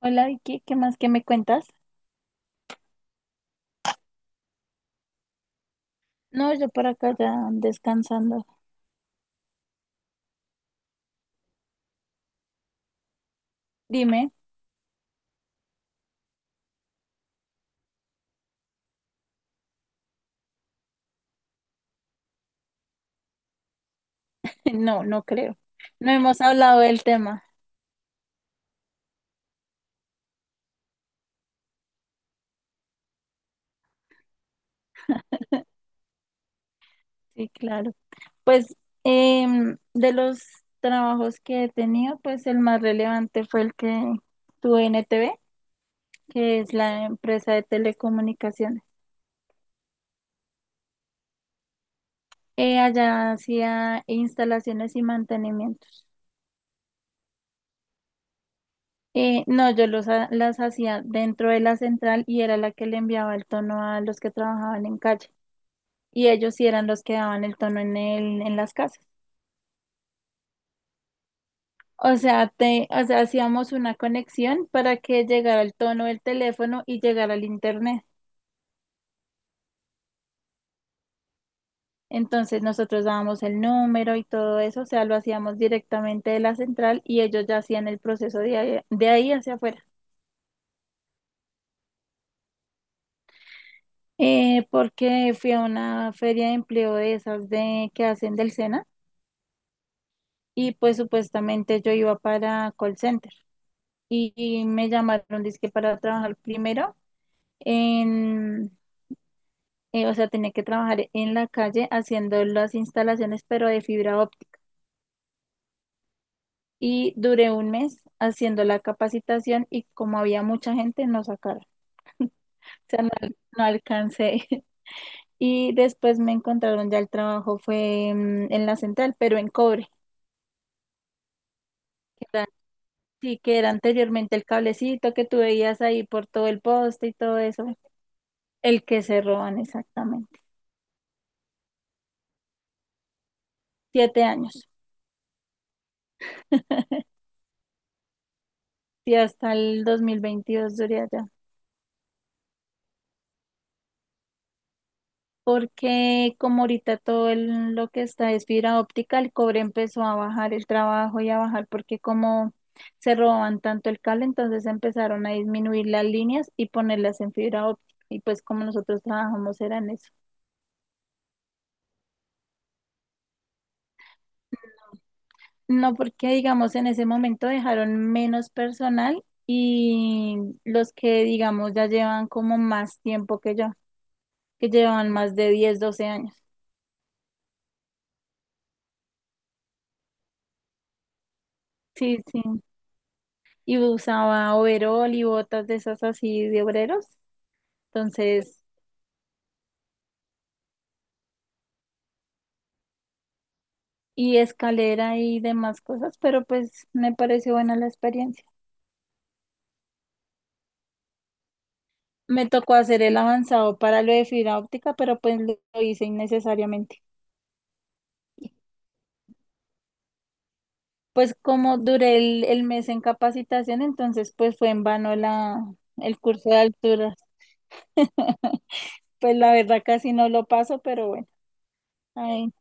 Hola Vicky, ¿qué más que me cuentas? No, yo por acá ya descansando. Dime. No, no creo. No hemos hablado del tema. Sí, claro. Pues de los trabajos que he tenido, pues el más relevante fue el que tuve en ETV, que es la empresa de telecomunicaciones. Allá hacía instalaciones y mantenimientos. No, yo las hacía dentro de la central y era la que le enviaba el tono a los que trabajaban en calle, y ellos sí eran los que daban el tono en las casas. O sea, o sea, hacíamos una conexión para que llegara el tono del teléfono y llegara al internet. Entonces nosotros dábamos el número y todo eso, o sea, lo hacíamos directamente de la central y ellos ya hacían el proceso de ahí hacia afuera. Porque fui a una feria de empleo de esas de que hacen del SENA, y pues supuestamente yo iba para call center y me llamaron dizque para trabajar primero en o sea, tenía que trabajar en la calle haciendo las instalaciones, pero de fibra óptica. Y duré un mes haciendo la capacitación y como había mucha gente, no sacaron. O sea, no, no alcancé. Y después me encontraron ya el trabajo, fue en la central, pero en cobre. que era- sí, que era anteriormente el cablecito que tú veías ahí por todo el poste y todo eso. El que se roban, exactamente. Siete años. Y hasta el 2022 duré allá. Porque como ahorita todo lo que está es fibra óptica, el cobre empezó a bajar el trabajo y a bajar porque como se robaban tanto el cable, entonces empezaron a disminuir las líneas y ponerlas en fibra óptica. Y pues como nosotros trabajamos era en eso. No, porque digamos en ese momento dejaron menos personal y los que digamos ya llevan como más tiempo que yo, que llevan más de 10 12 años. Sí, sí. Y usaba overol y botas de esas así de obreros. Entonces, y escalera y demás cosas, pero pues me pareció buena la experiencia. Me tocó hacer el avanzado para lo de fibra óptica, pero pues lo hice innecesariamente. Pues como duré el mes en capacitación, entonces pues fue en vano el curso de alturas. Pues la verdad casi no lo paso, pero bueno, ahí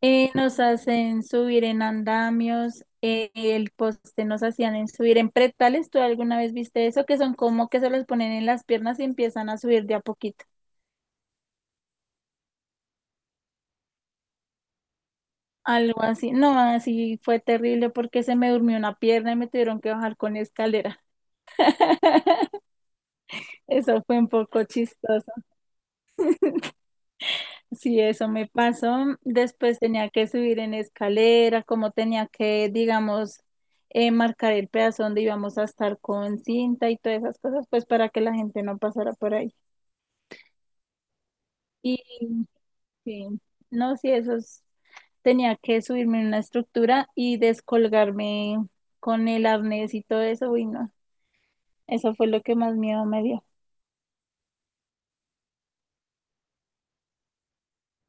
Nos hacen subir en andamios, el poste nos hacían en subir en pretales. ¿Tú alguna vez viste eso? Que son como que se los ponen en las piernas y empiezan a subir de a poquito. Algo así. No, así fue terrible porque se me durmió una pierna y me tuvieron que bajar con escalera. Eso fue un poco chistoso. Sí, eso me pasó. Después tenía que subir en escalera, como tenía que, digamos, marcar el pedazo donde íbamos a estar con cinta y todas esas cosas, pues para que la gente no pasara por ahí. Y sí, no, sí, tenía que subirme en una estructura y descolgarme con el arnés y todo eso, uy, no, eso fue lo que más miedo me dio.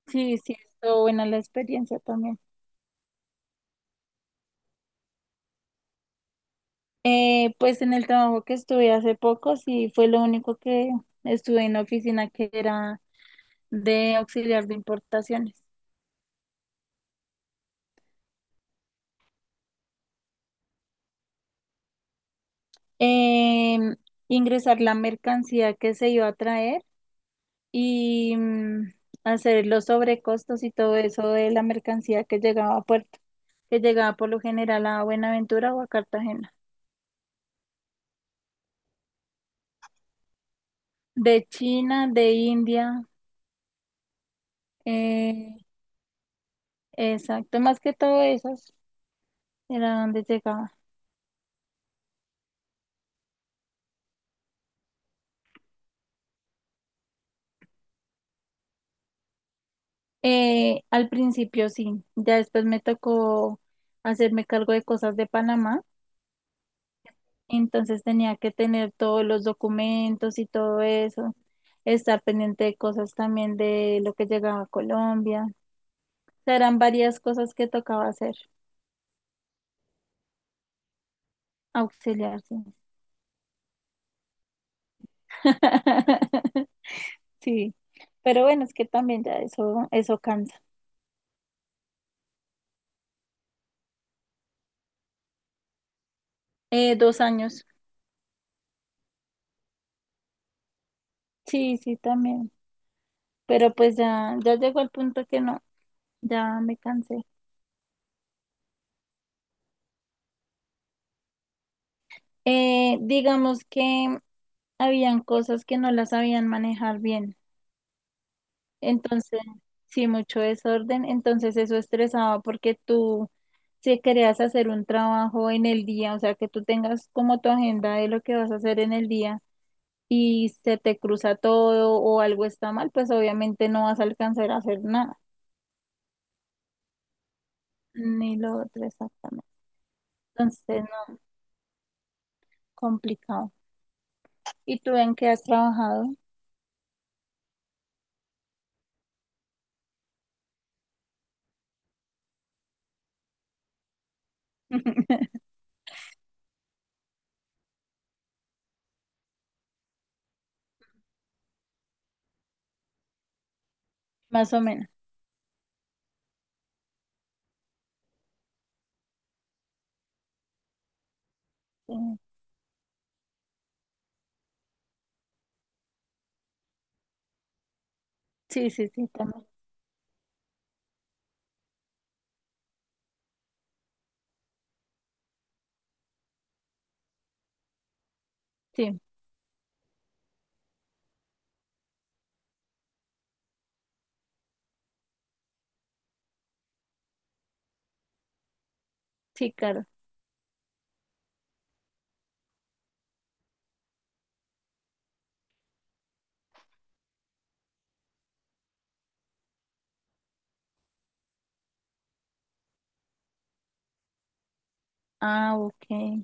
Sí, sí, estuvo buena la experiencia también. Pues en el trabajo que estuve hace poco, sí, fue lo único que estuve en la oficina, que era de auxiliar de importaciones. Em, ingresar la mercancía que se iba a traer y hacer los sobrecostos y todo eso de la mercancía que llegaba a puerto, que llegaba por lo general a Buenaventura o a Cartagena. De China, de India, eh, exacto, más que todo esos era donde llegaba. Al principio sí, ya después me tocó hacerme cargo de cosas de Panamá, entonces tenía que tener todos los documentos y todo eso, estar pendiente de cosas también de lo que llegaba a Colombia. Serán varias cosas que tocaba hacer, auxiliarse. Sí. Sí, pero bueno, es que también ya eso cansa. 2 años. Sí, sí, también. Pero pues ya, ya llegó el punto que no, ya me cansé. Digamos que habían cosas que no las sabían manejar bien. Entonces, sí, mucho desorden. Entonces eso estresaba porque tú, si querías hacer un trabajo en el día, o sea, que tú tengas como tu agenda de lo que vas a hacer en el día y se te cruza todo o algo está mal, pues obviamente no vas a alcanzar a hacer nada, ni lo otro exactamente. Entonces, no, complicado. ¿Y tú en qué has trabajado? Más o menos. Sí, sí, sí, sí, también. Sí, sí, claro. Ah, ok,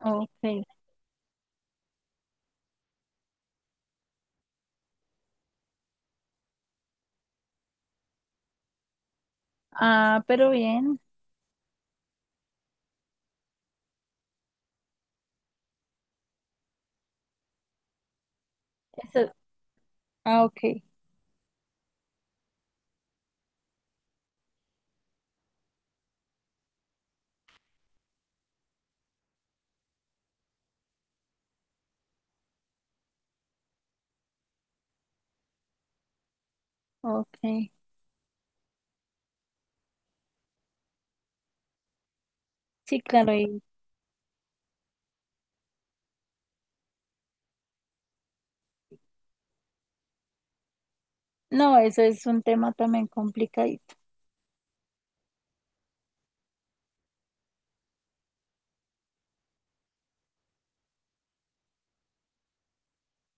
ok. Ah, pero bien. Eso, ah, ok, ok. Sí, claro. Y, no, eso es un tema también complicadito.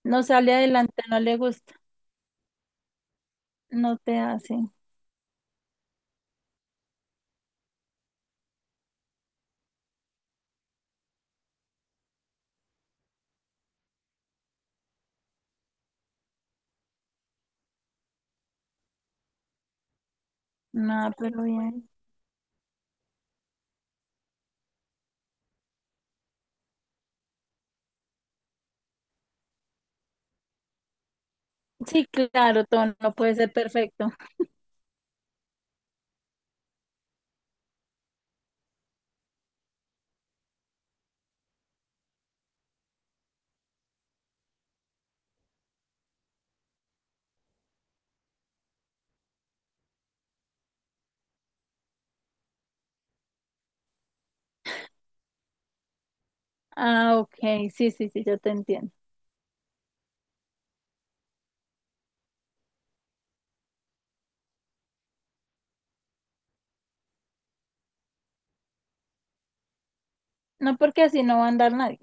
No sale adelante, no le gusta, no te hace nada, pero bien. Sí, claro, todo no puede ser perfecto. Ah, ok, sí, sí, sí, yo te entiendo. No porque así no va a andar nadie.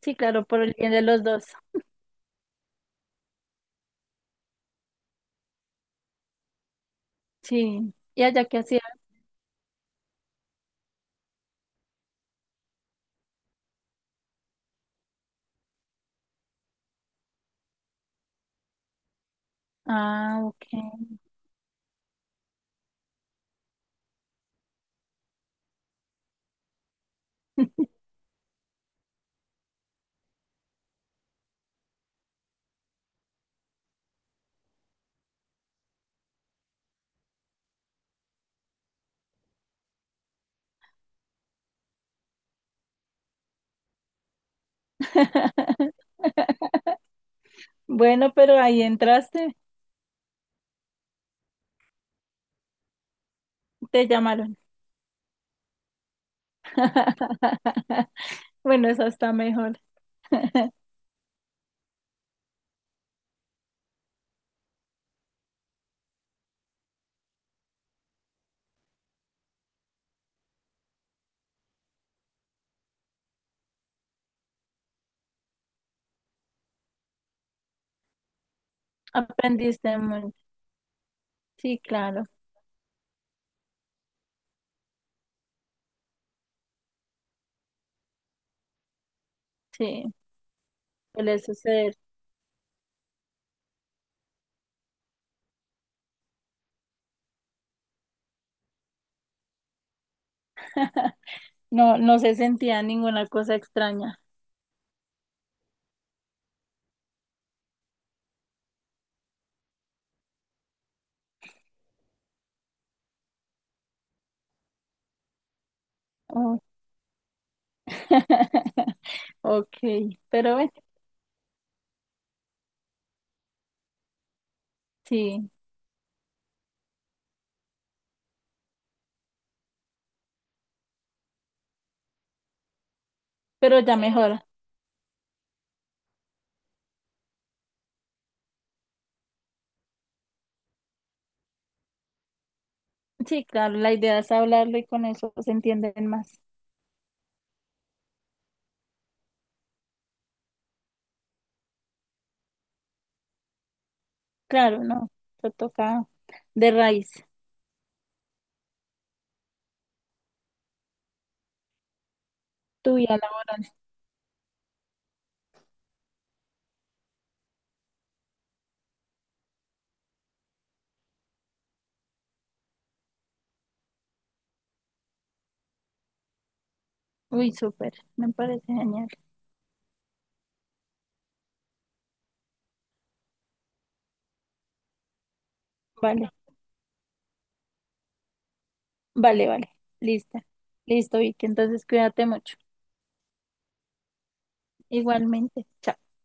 Sí, claro, por el bien de los dos. Sí. ¿Y allá qué hacía? Ah, ok. Bueno, pero ahí entraste, te llamaron. Bueno, eso está mejor. Aprendiste mucho. Sí, claro, sí, suele suceder. No, no se sentía ninguna cosa extraña. Oh. Ok, pero bueno, sí, pero ya mejora. Sí, claro, la idea es hablarlo y con eso se entienden más. Claro, no, te toca de raíz, tu vida laboral. Uy, súper, me parece genial. Vale, vale, vale, lista. Listo, Vicky, entonces cuídate mucho. Igualmente.